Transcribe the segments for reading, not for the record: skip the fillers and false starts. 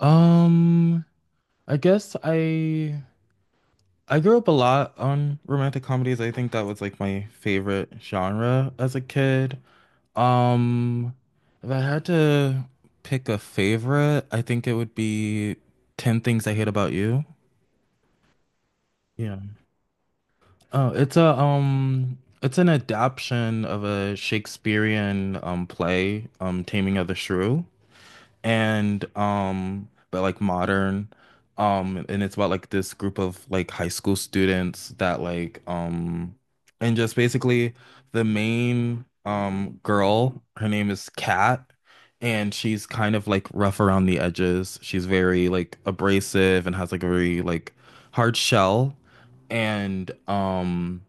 Um, I guess I grew up a lot on romantic comedies. I think that was like my favorite genre as a kid. Um, if I had to pick a favorite, I think it would be 10 Things I Hate About You. Yeah. Oh, it's a it's an adaptation of a Shakespearean play, Taming of the Shrew. and um but like modern and it's about like this group of like high school students that like and just basically the main girl, her name is Kat, and she's kind of like rough around the edges. She's very like abrasive and has like a very like hard shell. And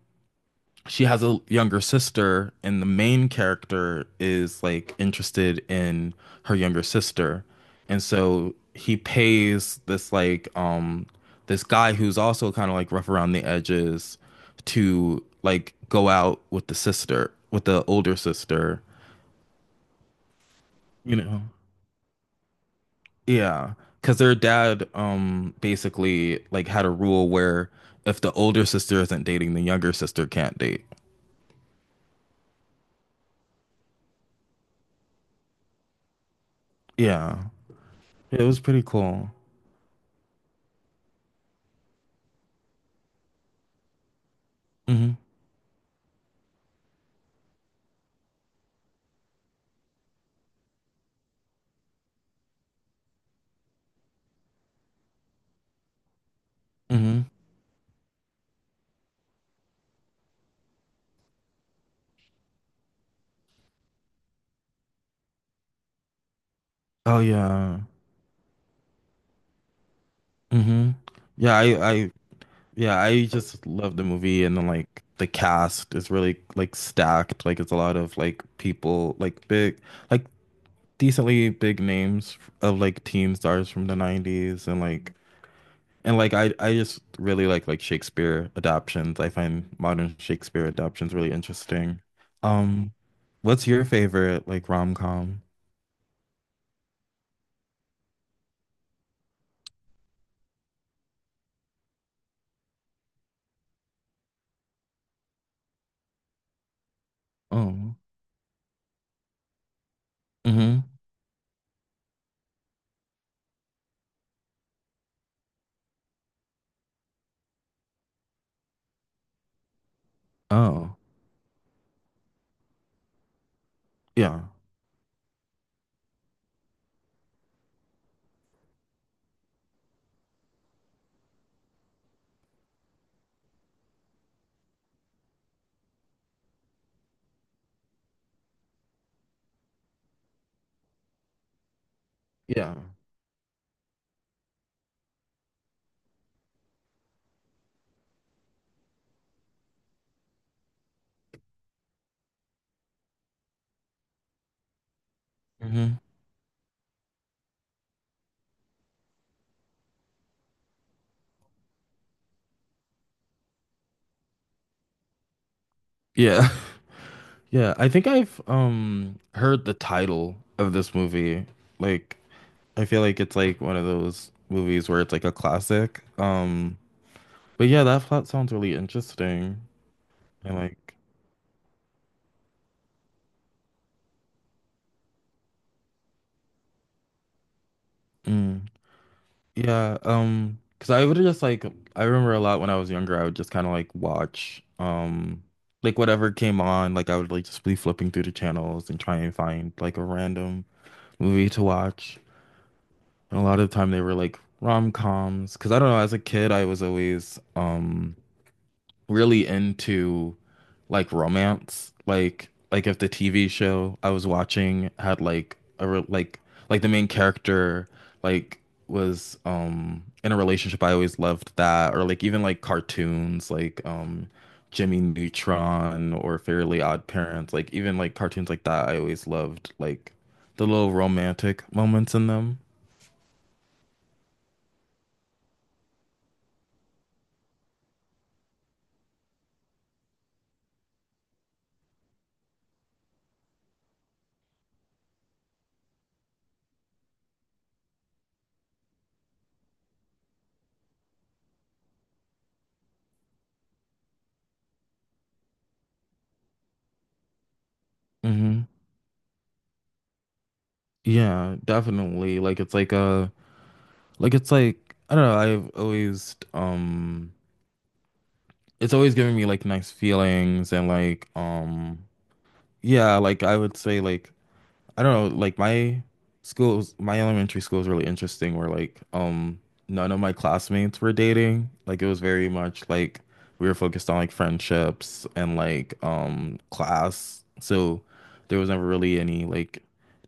she has a younger sister, and the main character is like interested in her younger sister. And so he pays this like this guy who's also kind of like rough around the edges to like go out with the sister, with the older sister, you know. Yeah, because their dad basically like had a rule where if the older sister isn't dating, the younger sister can't date. Yeah. It was pretty cool. hmm hmm Oh yeah. hmm Yeah, I Yeah, I just love the movie and then like the cast is really like stacked. Like it's a lot of like people like big like decently big names of like teen stars from the 90s and like I just really like Shakespeare adaptations. I find modern Shakespeare adaptations really interesting. Um what's your favorite like rom-com? Oh. hmm Oh. Yeah. Yeah. hmm Yeah. Yeah, I think I've heard the title of this movie. Like I feel like it's like one of those movies where it's like a classic. But yeah, that plot sounds really interesting. And like mm, yeah, because I would just like I remember a lot when I was younger, I would just kind of like watch like whatever came on, like I would like just be flipping through the channels and try and find like a random movie to watch. And a lot of the time they were like rom-coms. Because I don't know, as a kid, I was always really into like romance. Like if the TV show I was watching had like a re like the main character like was in a relationship, I always loved that. Or like even like cartoons like Jimmy Neutron or Fairly Odd Parents, like even like cartoons like that, I always loved like the little romantic moments in them. Mm-hmm. Yeah, definitely. Like it's like a like it's like I don't know, I've always it's always giving me like nice feelings and like yeah, like I would say like I don't know, like my schools, my elementary school is really interesting where like none of my classmates were dating. Like it was very much like we were focused on like friendships and like class. So there was never really any like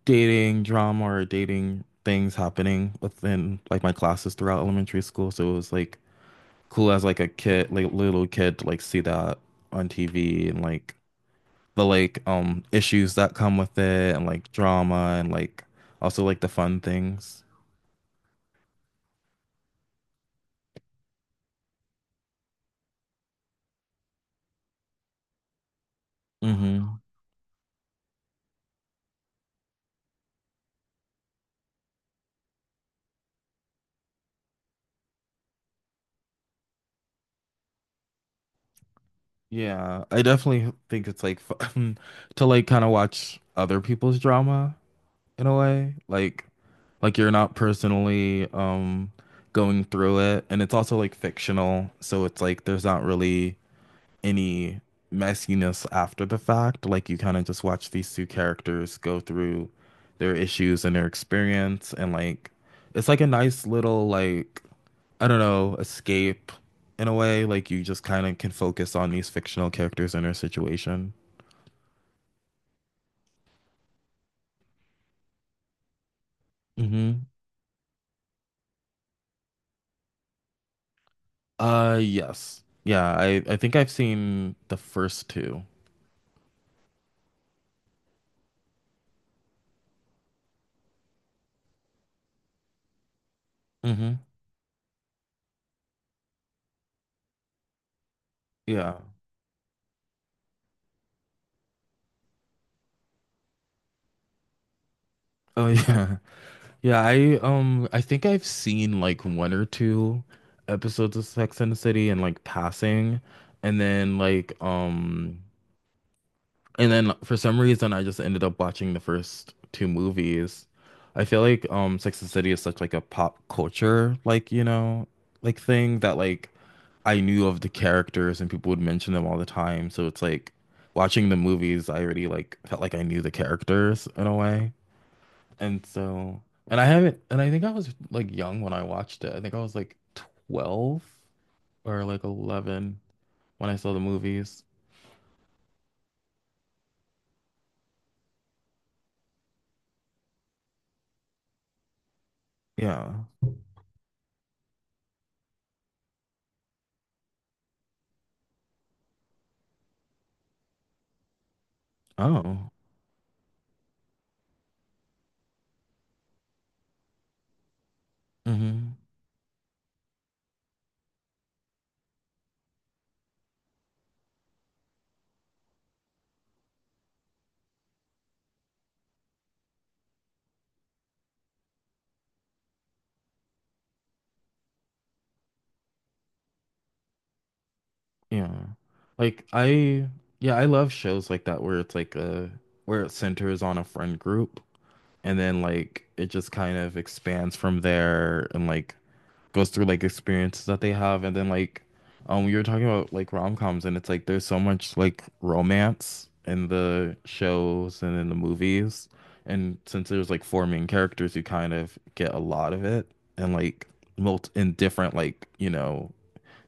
dating drama or dating things happening within like my classes throughout elementary school. So it was like cool as like a kid, like little kid to like see that on TV and like the like issues that come with it and like drama and like also like the fun things. hmm Yeah, I definitely think it's like fun to like kind of watch other people's drama in a way. Like you're not personally going through it and it's also like fictional, so it's like there's not really any messiness after the fact. Like you kind of just watch these two characters go through their issues and their experience and like it's like a nice little like I don't know, escape in a way. Like you just kind of can focus on these fictional characters and their situation. hmm Uh, yes. Yeah, I think I've seen the first two. Mm-hmm. Yeah. Oh yeah. Yeah, I think I've seen like one or two episodes of Sex and the City and like passing and then like and then for some reason I just ended up watching the first two movies. I feel like Sex and the City is such like a pop culture like, you know, like thing that like I knew of the characters and people would mention them all the time. So it's like watching the movies, I already like felt like I knew the characters in a way. And so, and I haven't, and I think I was like young when I watched it. I think I was like 12 or like 11 when I saw the movies. Yeah. Oh. hmm Yeah. Like I, yeah, I love shows like that where it's like a, where it centers on a friend group and then like it just kind of expands from there and like goes through like experiences that they have and then like you were talking about like rom-coms and it's like there's so much like romance in the shows and in the movies, and since there's like four main characters you kind of get a lot of it and like mult in different like you know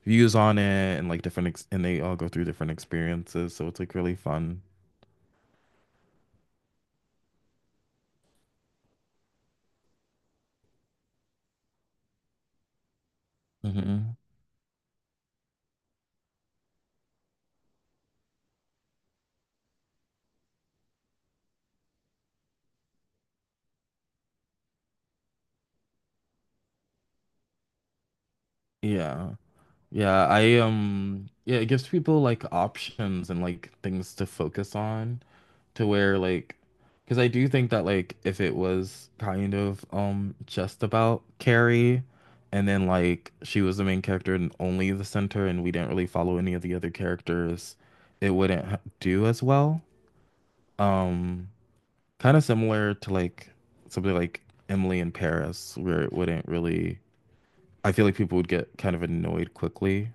views on it and like different ex- and they all go through different experiences so it's like really fun. hmm yeah, yeah, I yeah, it gives people like options and like things to focus on to where like because I do think that like if it was kind of just about Carrie and then like she was the main character and only the center and we didn't really follow any of the other characters, it wouldn't ha- do as well. Um Kind of similar to like something like Emily in Paris where it wouldn't really I feel like people would get kind of annoyed quickly.